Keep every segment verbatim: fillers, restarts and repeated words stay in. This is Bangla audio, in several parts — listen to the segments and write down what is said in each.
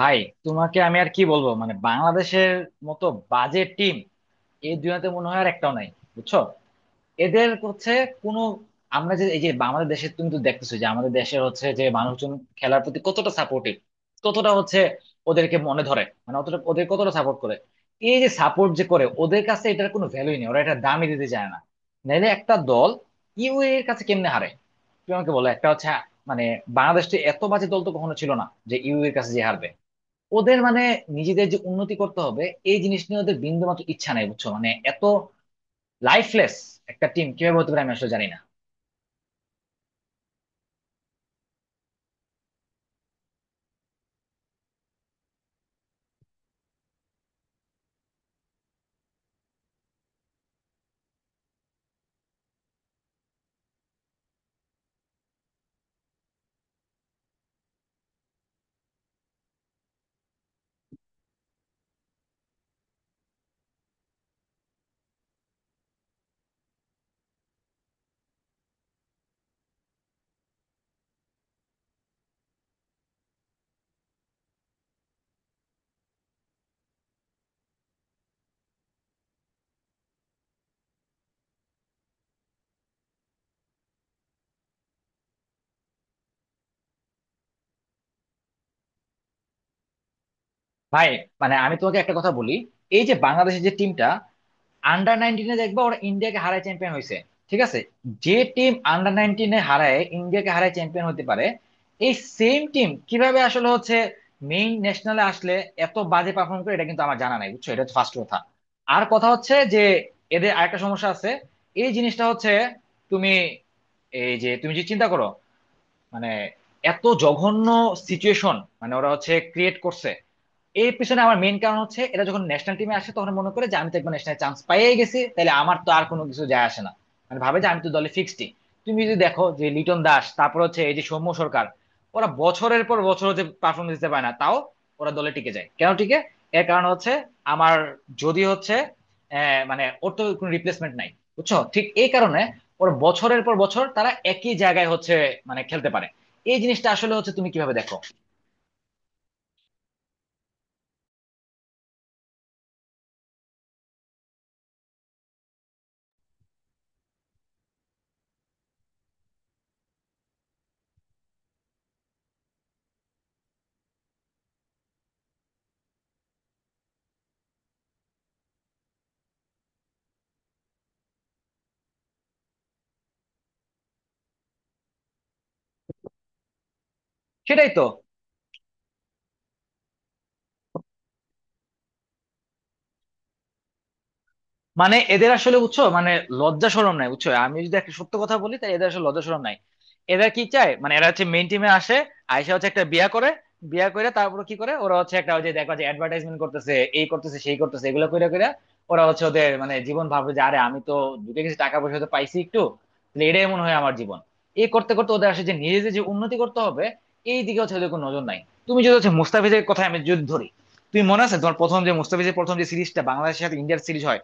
ভাই, তোমাকে আমি আর কি বলবো, মানে বাংলাদেশের মতো বাজে টিম এই দুনিয়াতে মনে হয় আর একটাও নাই, বুঝছো। এদের হচ্ছে কোনো আমরা যে এই যে আমাদের দেশে, তুমি তো দেখতেছো যে আমাদের দেশের হচ্ছে যে মানুষজন খেলার প্রতি কতটা সাপোর্টিভ, কতটা হচ্ছে ওদেরকে মনে ধরে, মানে অতটা ওদের কতটা সাপোর্ট করে। এই যে সাপোর্ট যে করে, ওদের কাছে এটার কোনো ভ্যালুই নেই, ওরা এটা দামই দিতে চায় না। নাহলে একটা দল ইউএই এর কাছে কেমনে হারে, তুমি আমাকে বলো। একটা হচ্ছে, মানে বাংলাদেশে এত বাজে দল তো কখনো ছিল না যে ইউএই এর কাছে যে হারবে। ওদের মানে নিজেদের যে উন্নতি করতে হবে এই জিনিস নিয়ে ওদের বিন্দুমাত্র ইচ্ছা নাই, বুঝছো। মানে এত লাইফলেস একটা টিম কিভাবে হতে পারে, আমি আসলে জানি না। ভাই, মানে আমি তোমাকে একটা কথা বলি, এই যে বাংলাদেশের যে টিমটা, আন্ডার নাইনটিনে দেখবা ওরা ইন্ডিয়াকে হারায় চ্যাম্পিয়ন হয়েছে, ঠিক আছে। যে টিম আন্ডার নাইনটিনে হারায় ইন্ডিয়াকে হারায় চ্যাম্পিয়ন হতে পারে, এই সেম টিম কিভাবে আসলে হচ্ছে মেইন ন্যাশনালে আসলে এত বাজে পারফর্ম করে, এটা কিন্তু আমার জানা নাই, বুঝছো। এটা হচ্ছে ফার্স্ট কথা। আর কথা হচ্ছে যে, এদের আরেকটা সমস্যা আছে, এই জিনিসটা হচ্ছে তুমি এই যে তুমি যে চিন্তা করো, মানে এত জঘন্য সিচুয়েশন মানে ওরা হচ্ছে ক্রিয়েট করছে। এর পিছনে আমার মেইন কারণ হচ্ছে, এটা যখন ন্যাশনাল টিমে আসে তখন মনে করে যে আমি তো একবার ন্যাশনাল চান্স পাইয়ে গেছি, তাহলে আমার তো আর কোনো কিছু যায় আসে না। মানে ভাবে যে আমি তো দলে ফিক্সডই। তুমি যদি দেখো যে লিটন দাস, তারপর হচ্ছে এই যে সৌম্য সরকার, ওরা বছরের পর বছর হচ্ছে পারফরমেন্স দিতে পারে না, তাও ওরা দলে টিকে যায়, কেন টিকে? এর কারণ হচ্ছে, আমার যদি হচ্ছে আহ, মানে ওর তো কোনো রিপ্লেসমেন্ট নাই, বুঝছো। ঠিক এই কারণে ওর বছরের পর বছর তারা একই জায়গায় হচ্ছে মানে খেলতে পারে। এই জিনিসটা আসলে হচ্ছে তুমি কিভাবে দেখো। সেটাই তো। মানে এদের আসলে, বুঝছো, মানে লজ্জা শরম নাই, বুঝছো। আমি যদি একটা সত্য কথা বলি, তাই এদের আসলে লজ্জা শরম নাই। এরা কি চায়? মানে এরা হচ্ছে মেইন টিমে আসে, আইসা হচ্ছে একটা বিয়া করে, বিয়া করে তারপর কি করে, ওরা হচ্ছে একটা ওই যে দেখো যে অ্যাডভার্টাইজমেন্ট করতেছে, এই করতেছে সেই করতেছে, এগুলো করে করে ওরা হচ্ছে ওদের মানে জীবন ভাবে যে আরে আমি তো ঢুকে গেছি, টাকা পয়সা তো পাইছি একটু, তাহলে এটাই মনে হয় আমার জীবন। এই করতে করতে ওদের আসলে যে নিজেদের যে উন্নতি করতে হবে এই দিকে হচ্ছে ওদের কোনো নজর নাই। তুমি যদি হচ্ছে মুস্তাফিজের কথা আমি যদি ধরি, তুমি মনে আছে তোমার প্রথম যে মুস্তাফিজের প্রথম যে সিরিজটা বাংলাদেশের সাথে ইন্ডিয়ার সিরিজ হয়,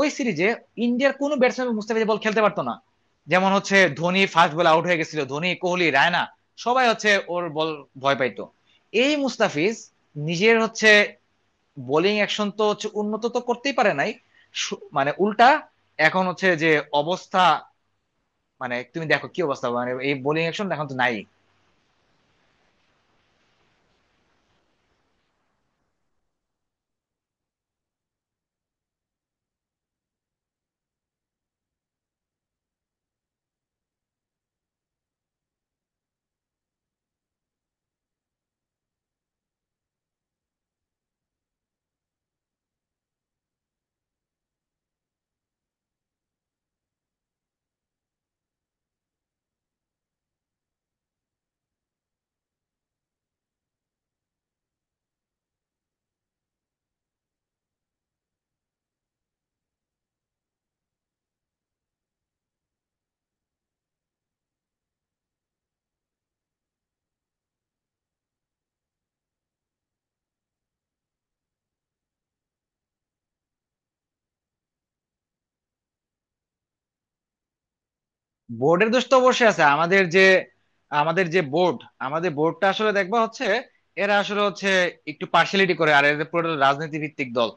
ওই সিরিজে ইন্ডিয়ার কোনো ব্যাটসম্যান মুস্তাফিজ বল খেলতে পারতো না। যেমন হচ্ছে ধোনি ফার্স্ট বলে আউট হয়ে গেছিল, ধোনি কোহলি রায়না সবাই হচ্ছে ওর বল ভয় পাইতো। এই মুস্তাফিজ নিজের হচ্ছে বোলিং অ্যাকশন তো হচ্ছে উন্নত তো করতেই পারে নাই। সু- মানে উল্টা এখন হচ্ছে যে অবস্থা, মানে তুমি দেখো কি অবস্থা, মানে এই বোলিং অ্যাকশন এখন তো নাই। বোর্ডের দোষ তো অবশ্যই আছে। আমাদের যে আমাদের যে বোর্ড, আমাদের বোর্ডটা আসলে দেখবা হচ্ছে এরা আসলে হচ্ছে একটু পার্সিয়ালিটি করে, আর এদের পুরো রাজনীতি ভিত্তিক দল।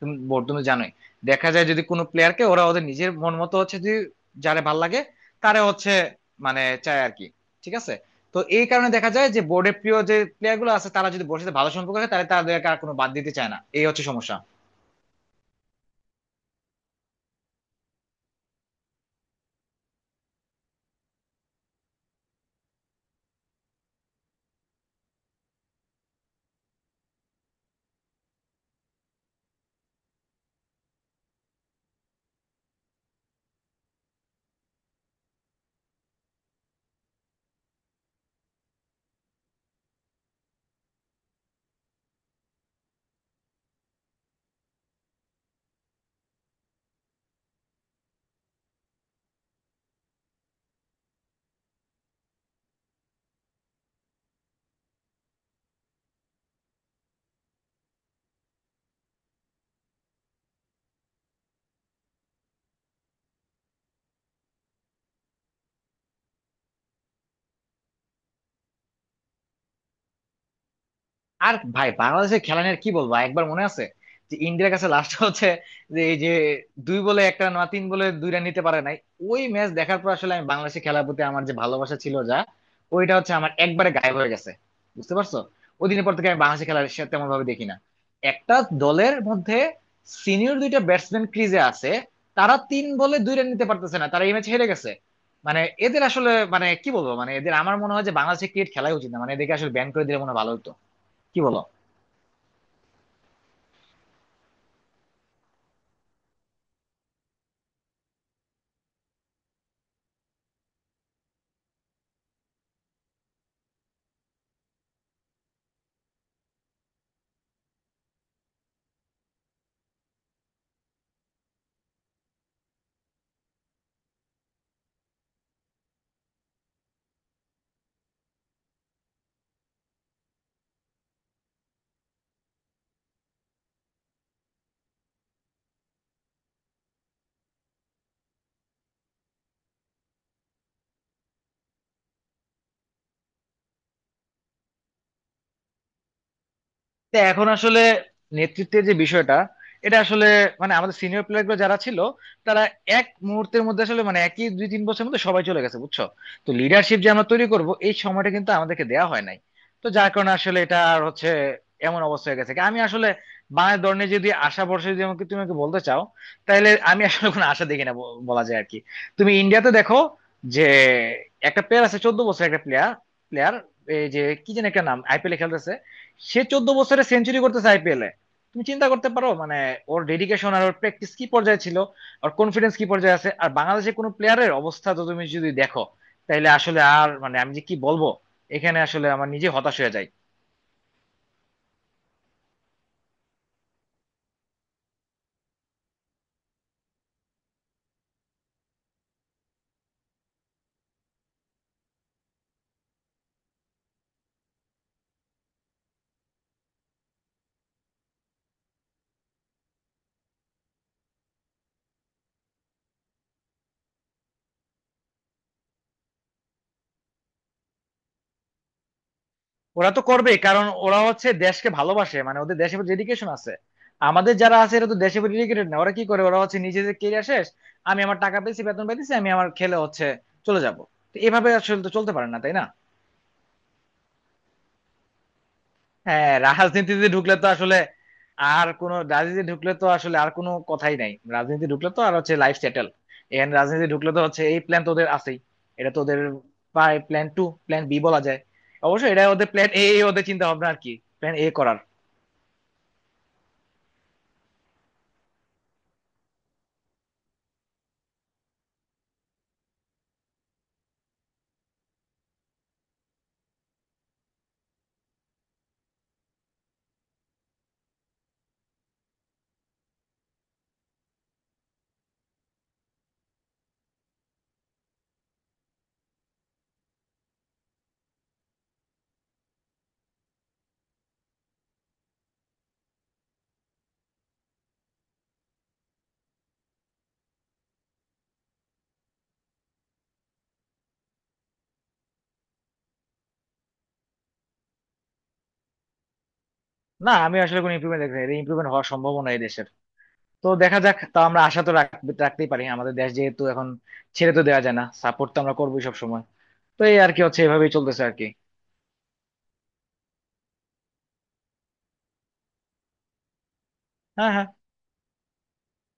তুমি বোর্ড তুমি জানোই, দেখা যায় যদি কোনো প্লেয়ারকে ওরা ওদের নিজের মন মতো হচ্ছে, যদি যারে ভাল লাগে তারে হচ্ছে মানে চায় আর কি, ঠিক আছে। তো এই কারণে দেখা যায় যে বোর্ডের প্রিয় যে প্লেয়ার গুলো আছে, তারা যদি বোর্ডের সাথে ভালো সম্পর্ক থাকে, তাহলে তাদেরকে আর কোনো বাদ দিতে চায় না, এই হচ্ছে সমস্যা। আর ভাই, বাংলাদেশের খেলা নিয়ে আর কি বলবো, একবার মনে আছে যে ইন্ডিয়ার কাছে লাস্ট হচ্ছে যে এই যে দুই বলে একটা না তিন বলে দুই রান নিতে পারে নাই, ওই ম্যাচ দেখার পর আসলে আমি বাংলাদেশের খেলার প্রতি আমার যে ভালোবাসা ছিল, যা ওইটা হচ্ছে আমার একবারে গায়েব হয়ে গেছে, বুঝতে পারছো। ওই দিনের পর থেকে আমি বাংলাদেশের খেলা সে- তেমন ভাবে দেখি না। একটা দলের মধ্যে সিনিয়র দুইটা ব্যাটসম্যান ক্রিজে আছে, তারা তিন বলে দুই রান নিতে পারতেছে না, তারা এই ম্যাচ হেরে গেছে। মানে এদের আসলে মানে কি বলবো, মানে এদের আমার মনে হয় যে বাংলাদেশে ক্রিকেট খেলাই উচিত না, মানে এদেরকে আসলে ব্যান করে দিলে মনে হয় ভালো হতো, কি বলো। তো এখন আসলে নেতৃত্বের যে বিষয়টা এটা আসলে, মানে আমাদের সিনিয়র প্লেয়ার গুলো যারা ছিল তারা এক মুহূর্তের মধ্যে আসলে মানে একই দুই তিন বছরের মধ্যে সবাই চলে গেছে, বুঝছো। তো লিডারশিপ যে আমরা তৈরি করব এই সময়টা কিন্তু আমাদেরকে দেওয়া হয় নাই। তো যার কারণে আসলে এটা আর হচ্ছে এমন অবস্থা হয়ে গেছে। আমি আসলে বাংলাদেশ দল নিয়ে যদি আশা ভরসা যদি আমাকে তুমি আমাকে বলতে চাও, তাহলে আমি আসলে কোনো আশা দেখি না, ব- বলা যায় আর কি। তুমি ইন্ডিয়াতে দেখো যে একটা প্লেয়ার আছে, চোদ্দ বছর একটা প্লেয়ার প্লেয়ার এই যে কি যেন একটা নাম আইপিএলে খেলতেছে, সে চোদ্দ বছরে সেঞ্চুরি করতেছে আইপিএল এ। তুমি চিন্তা করতে পারো, মানে ওর ডেডিকেশন আর ওর প্র্যাকটিস কি পর্যায়ে ছিল আর কনফিডেন্স কি পর্যায়ে আছে, আর বাংলাদেশের কোনো প্লেয়ারের অবস্থা তো তুমি যদি দেখো, তাইলে আসলে আর মানে আমি যে কি বলবো, এখানে আসলে আমার নিজে হতাশ হয়ে যায়। ওরা তো করবে, কারণ ওরা হচ্ছে দেশকে ভালোবাসে, মানে ওদের দেশের ডেডিকেশন আছে। আমাদের যারা আছে এরা তো দেশে ডেডিকেটেড না। ওরা কি করে, ওরা হচ্ছে নিজেদের কেরিয়ার শেষ, আমি আমার টাকা পেয়েছি, বেতন পেয়েছি, আমি আমার খেলে হচ্ছে চলে যাব। তো এভাবে আসলে তো চলতে পারে না, তাই না। হ্যাঁ, রাজনীতিতে ঢুকলে তো আসলে আর কোনো, রাজনীতি ঢুকলে তো আসলে আর কোনো কথাই নাই, রাজনীতি ঢুকলে তো আর হচ্ছে লাইফ সেটেল। এখানে রাজনীতি ঢুকলে তো হচ্ছে এই প্ল্যান তো ওদের আছেই, এটা তো ওদের প্রায় প্ল্যান টু, প্ল্যান বি বলা যায়। অবশ্যই এটা ওদের প্ল্যান এ, ওদের চিন্তা ভাবনা আর কি প্ল্যান এ করার। না, আমি আসলে কোনো ইমপ্রুভমেন্ট দেখছি না। এটা ইমপ্রুভমেন্ট হওয়ার সম্ভাবনা এই দেশের, তো দেখা যাক। তা আমরা আশা তো রাখ- রাখতেই পারি, আমাদের দেশ যেহেতু, এখন ছেড়ে তো দেওয়া যায় না, সাপোর্ট তো আমরা করবোই সব সময়। তো এই আর কি হচ্ছে, এভাবেই চলতেছে আর কি। হ্যাঁ, হ্যাঁ।